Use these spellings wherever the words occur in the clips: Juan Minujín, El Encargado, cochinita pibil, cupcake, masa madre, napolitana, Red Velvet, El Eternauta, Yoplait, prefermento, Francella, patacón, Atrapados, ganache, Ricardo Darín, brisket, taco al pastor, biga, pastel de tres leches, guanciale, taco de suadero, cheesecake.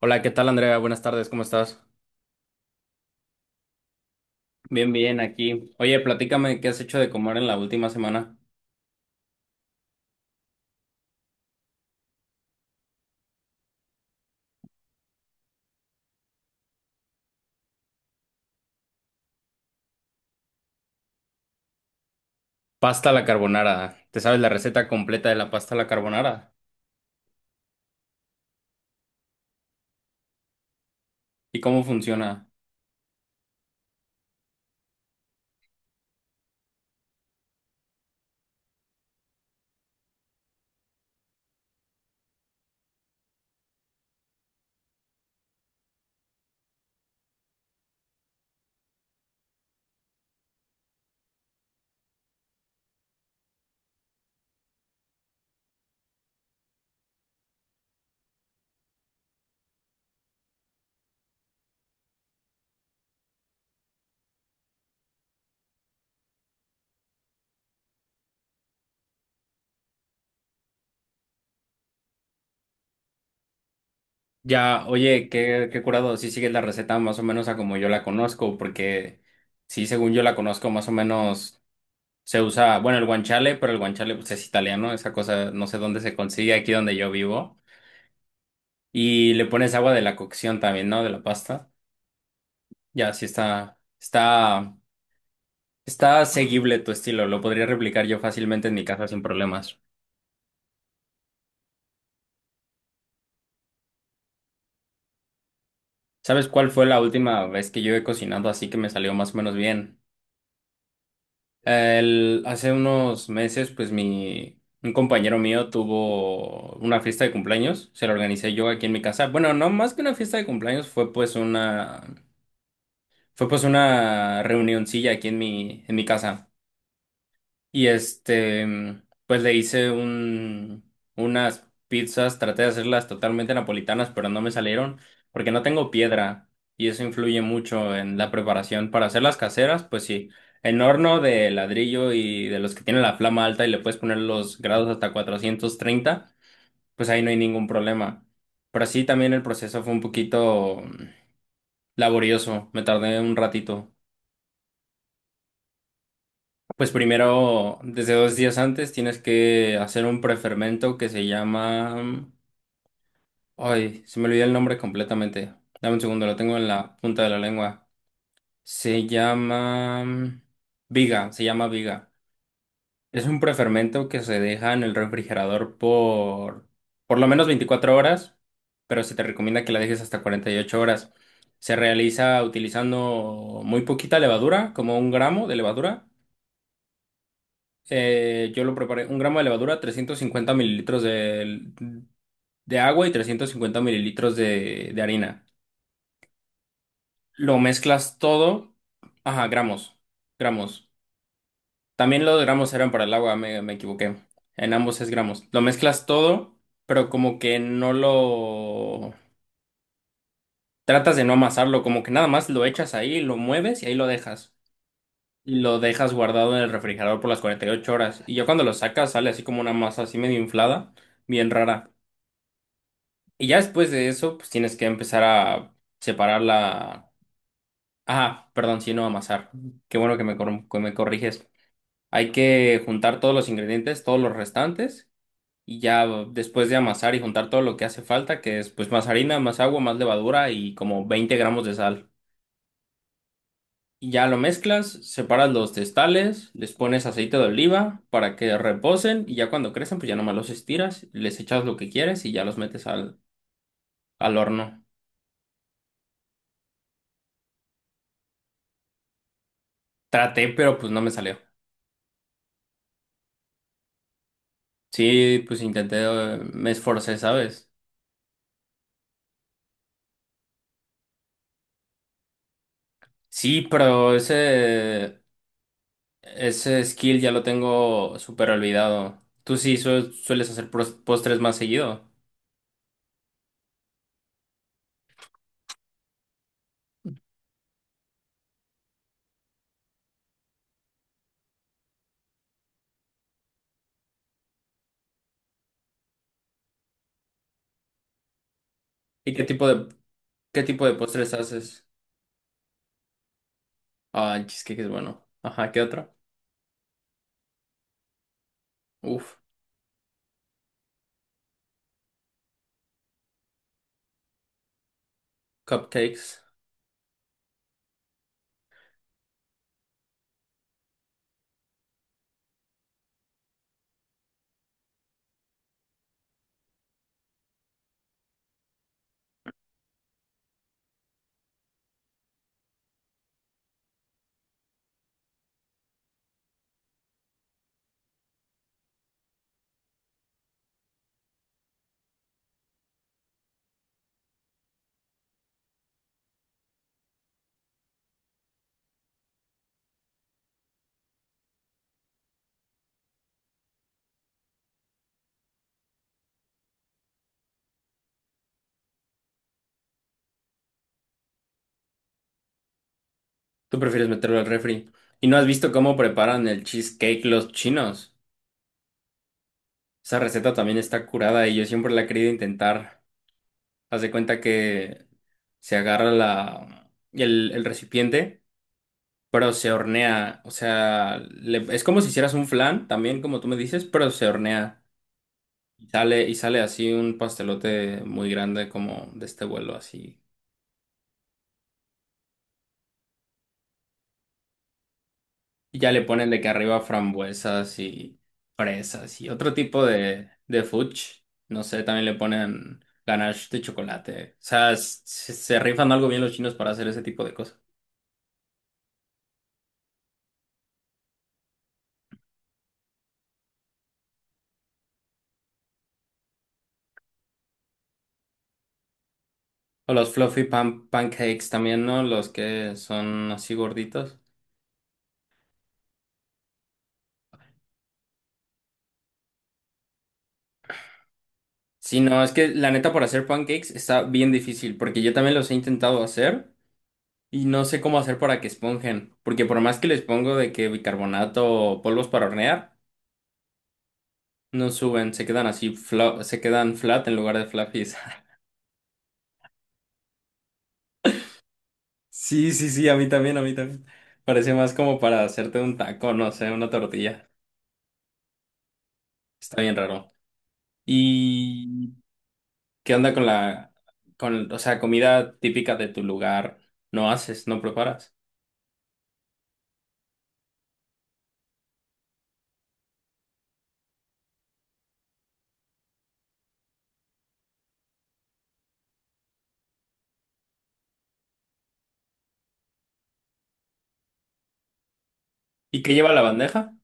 Hola, ¿qué tal Andrea? Buenas tardes, ¿cómo estás? Bien, bien, aquí. Oye, platícame qué has hecho de comer en la última semana. Pasta a la carbonara. ¿Te sabes la receta completa de la pasta a la carbonara? ¿Y cómo funciona? Ya, oye, qué curado. Sí, sigues la receta más o menos a como yo la conozco, porque sí, según yo la conozco, más o menos se usa, bueno, el guanciale, pero el guanciale pues, es italiano, esa cosa no sé dónde se consigue, aquí donde yo vivo. Y le pones agua de la cocción también, ¿no? De la pasta. Ya, sí está. Está seguible tu estilo, lo podría replicar yo fácilmente en mi casa sin problemas. ¿Sabes cuál fue la última vez que yo he cocinado así que me salió más o menos bien? Hace unos meses, pues un compañero mío tuvo una fiesta de cumpleaños, se la organicé yo aquí en mi casa. Bueno, no más que una fiesta de cumpleaños, fue pues una reunioncilla aquí en mi casa. Y pues le hice unas pizzas, traté de hacerlas totalmente napolitanas, pero no me salieron porque no tengo piedra y eso influye mucho en la preparación. Para hacer las caseras, pues sí, en horno de ladrillo y de los que tienen la flama alta y le puedes poner los grados hasta 430, pues ahí no hay ningún problema. Pero sí, también el proceso fue un poquito laborioso, me tardé un ratito. Pues primero, desde dos días antes, tienes que hacer un prefermento que se llama… Ay, se me olvidó el nombre completamente. Dame un segundo, lo tengo en la punta de la lengua. Se llama… Viga, se llama viga. Es un prefermento que se deja en el refrigerador por lo menos 24 horas, pero se te recomienda que la dejes hasta 48 horas. Se realiza utilizando muy poquita levadura, como 1 gramo de levadura. Yo lo preparé, 1 gramo de levadura, 350 mililitros de agua y 350 mililitros de harina. Lo mezclas todo. Ajá, gramos, gramos. También los gramos eran para el agua, me equivoqué. En ambos es gramos. Lo mezclas todo, pero como que no lo… Tratas de no amasarlo, como que nada más lo echas ahí, lo mueves y ahí lo dejas. Y lo dejas guardado en el refrigerador por las 48 horas. Y ya cuando lo sacas sale así como una masa así medio inflada, bien rara. Y ya después de eso, pues tienes que empezar a separar la… Ah, perdón, sí, no amasar. Qué bueno que que me corriges. Hay que juntar todos los ingredientes, todos los restantes, y ya después de amasar y juntar todo lo que hace falta, que es pues más harina, más agua, más levadura y como 20 gramos de sal. Y ya lo mezclas, separas los testales, les pones aceite de oliva para que reposen y ya cuando crecen, pues ya nomás los estiras, les echas lo que quieres y ya los metes al horno. Traté, pero pues no me salió. Sí, pues intenté, me esforcé, ¿sabes? Sí, pero ese skill ya lo tengo súper olvidado. Tú sí sueles hacer postres más seguido. ¿Y qué tipo de postres haces? Ah, el cheesecake es bueno. Ajá, ¿qué otro? Uf, cupcakes. Tú prefieres meterlo al refri. ¿Y no has visto cómo preparan el cheesecake los chinos? Esa receta también está curada y yo siempre la he querido intentar. Haz de cuenta que se agarra el recipiente. Pero se hornea. O sea, es como si hicieras un flan, también como tú me dices, pero se hornea. Y sale así un pastelote muy grande como de este vuelo así. Y ya le ponen de que arriba frambuesas y fresas y otro tipo de fudge. No sé, también le ponen ganache de chocolate. O sea, se rifan algo bien los chinos para hacer ese tipo de cosas. O los fluffy pancakes también, ¿no? Los que son así gorditos. Sí, no, es que la neta para hacer pancakes está bien difícil, porque yo también los he intentado hacer y no sé cómo hacer para que esponjen, porque por más que les pongo de que bicarbonato o polvos para hornear, no suben, se quedan así, se quedan flat en lugar de fluffies. Sí, sí, sí, a mí también, a mí también. Parece más como para hacerte un taco, no sé, una tortilla. Está bien raro. ¿Y qué onda con la, o sea, comida típica de tu lugar? ¿No preparas? ¿Y qué lleva la bandeja?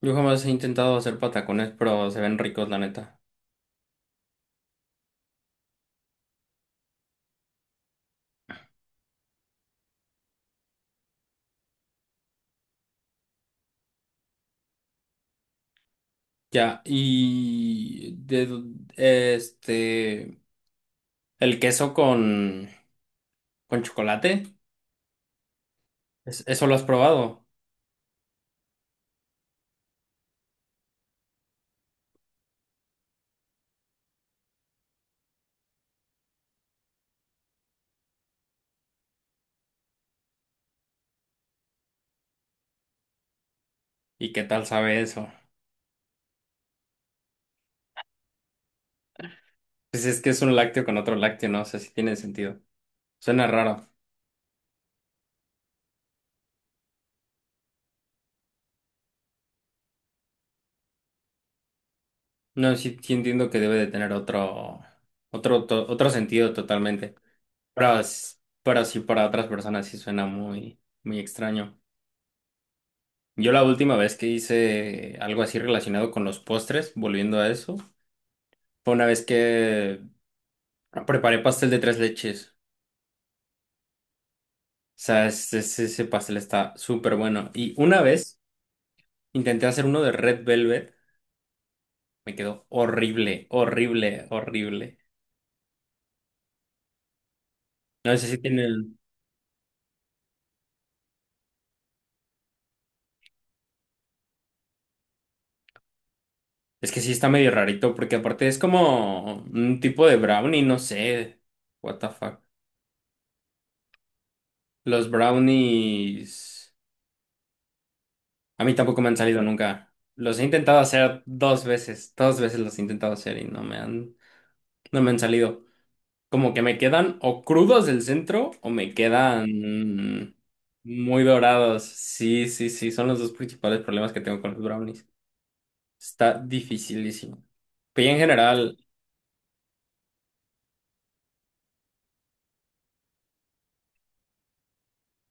Yo jamás he intentado hacer patacones, pero se ven ricos, la neta. Ya, y de do- este el queso con chocolate, ¿eso lo has probado? ¿Y qué tal sabe eso? Pues es que es un lácteo con otro lácteo, no sé si tiene sentido. Suena raro. No, sí, sí entiendo que debe de tener otro sentido totalmente. Pero s- pero sí para otras personas sí suena muy muy extraño. Yo la última vez que hice algo así relacionado con los postres, volviendo a eso, fue una vez que preparé pastel de tres leches. O sea, ese pastel está súper bueno. Y una vez intenté hacer uno de Red Velvet, me quedó horrible, horrible, horrible. No sé si tienen… Es que sí está medio rarito, porque aparte es como un tipo de brownie, no sé. What the fuck. Los brownies. A mí tampoco me han salido nunca. Los he intentado hacer dos veces los he intentado hacer y no me han salido. Como que me quedan o crudos del centro o me quedan muy dorados. Sí, sí, sí, son los dos principales problemas que tengo con los brownies. Está dificilísimo. Pero ya en general,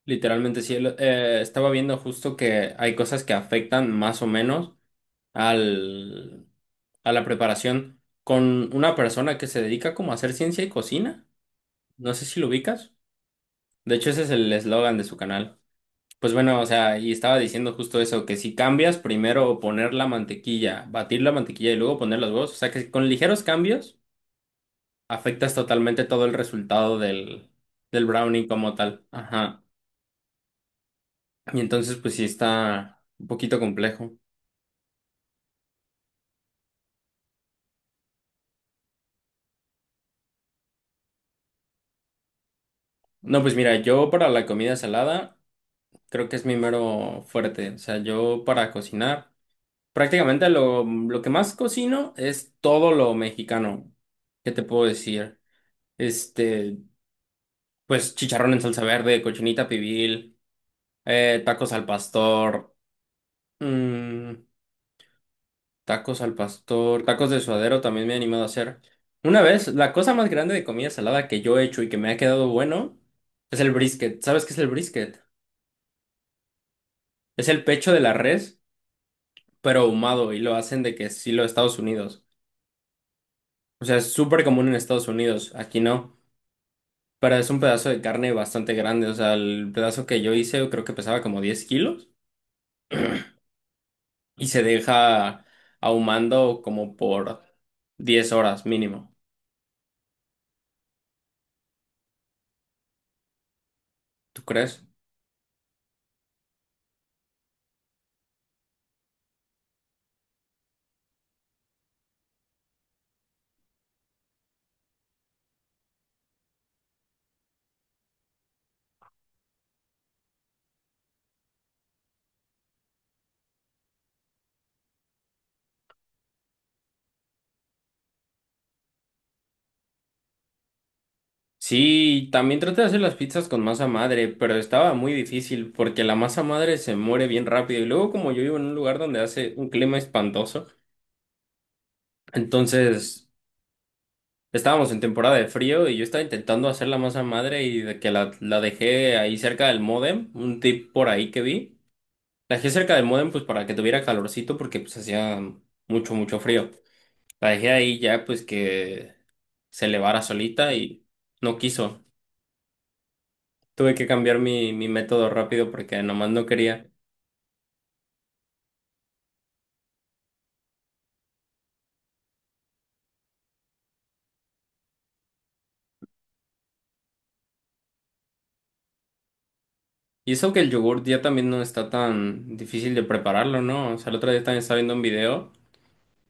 literalmente sí, estaba viendo justo que hay cosas que afectan más o menos al, a la preparación con una persona que se dedica como a hacer ciencia y cocina. No sé si lo ubicas. De hecho, ese es el eslogan de su canal. Pues bueno, o sea, y estaba diciendo justo eso, que si cambias, primero poner la mantequilla, batir la mantequilla y luego poner los huevos, o sea que si con ligeros cambios afectas totalmente todo el resultado del brownie como tal. Ajá. Y entonces, pues sí está un poquito complejo. No, pues mira, yo para la comida salada creo que es mi mero fuerte. O sea, yo para cocinar. Prácticamente lo que más cocino es todo lo mexicano. ¿Qué te puedo decir? Este, pues chicharrón en salsa verde, cochinita pibil, tacos al pastor, mm, tacos de suadero también me he animado a hacer. Una vez, la cosa más grande de comida salada que yo he hecho y que me ha quedado bueno es el brisket. ¿Sabes qué es el brisket? Es el pecho de la res, pero ahumado y lo hacen de que estilo Estados Unidos. O sea, es súper común en Estados Unidos, aquí no. Pero es un pedazo de carne bastante grande, o sea, el pedazo que yo hice yo creo que pesaba como 10 kilos y se deja ahumando como por 10 horas mínimo, ¿tú crees? Sí, también traté de hacer las pizzas con masa madre, pero estaba muy difícil porque la masa madre se muere bien rápido y luego como yo vivo en un lugar donde hace un clima espantoso, entonces estábamos en temporada de frío y yo estaba intentando hacer la masa madre y de que la dejé ahí cerca del módem, un tip por ahí que vi. La dejé cerca del modem pues para que tuviera calorcito porque pues hacía mucho, mucho frío. La dejé ahí ya pues que se elevara solita y no quiso. Tuve que cambiar mi método rápido porque nomás no quería. Y eso que el yogurt ya también no está tan difícil de prepararlo, ¿no? O sea, el otro día también estaba viendo un video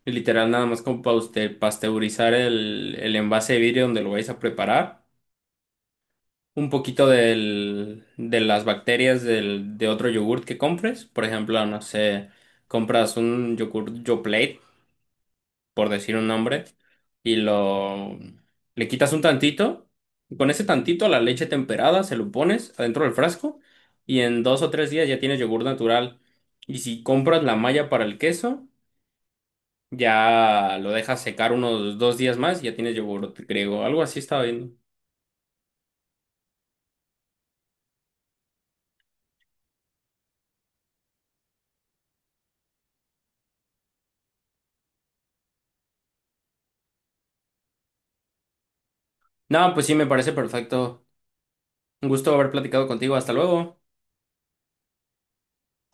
y literal nada más como para usted pasteurizar el envase de vidrio donde lo vais a preparar. Un poquito de las bacterias de otro yogurt que compres. Por ejemplo, no sé, compras un yogurt Yoplait, por decir un nombre, y lo le quitas un tantito. Con ese tantito, la leche temperada, se lo pones adentro del frasco y en dos o tres días ya tienes yogur natural. Y si compras la malla para el queso, ya lo dejas secar unos dos días más y ya tienes yogur griego. Algo así estaba viendo. No, pues sí, me parece perfecto. Un gusto haber platicado contigo. Hasta luego.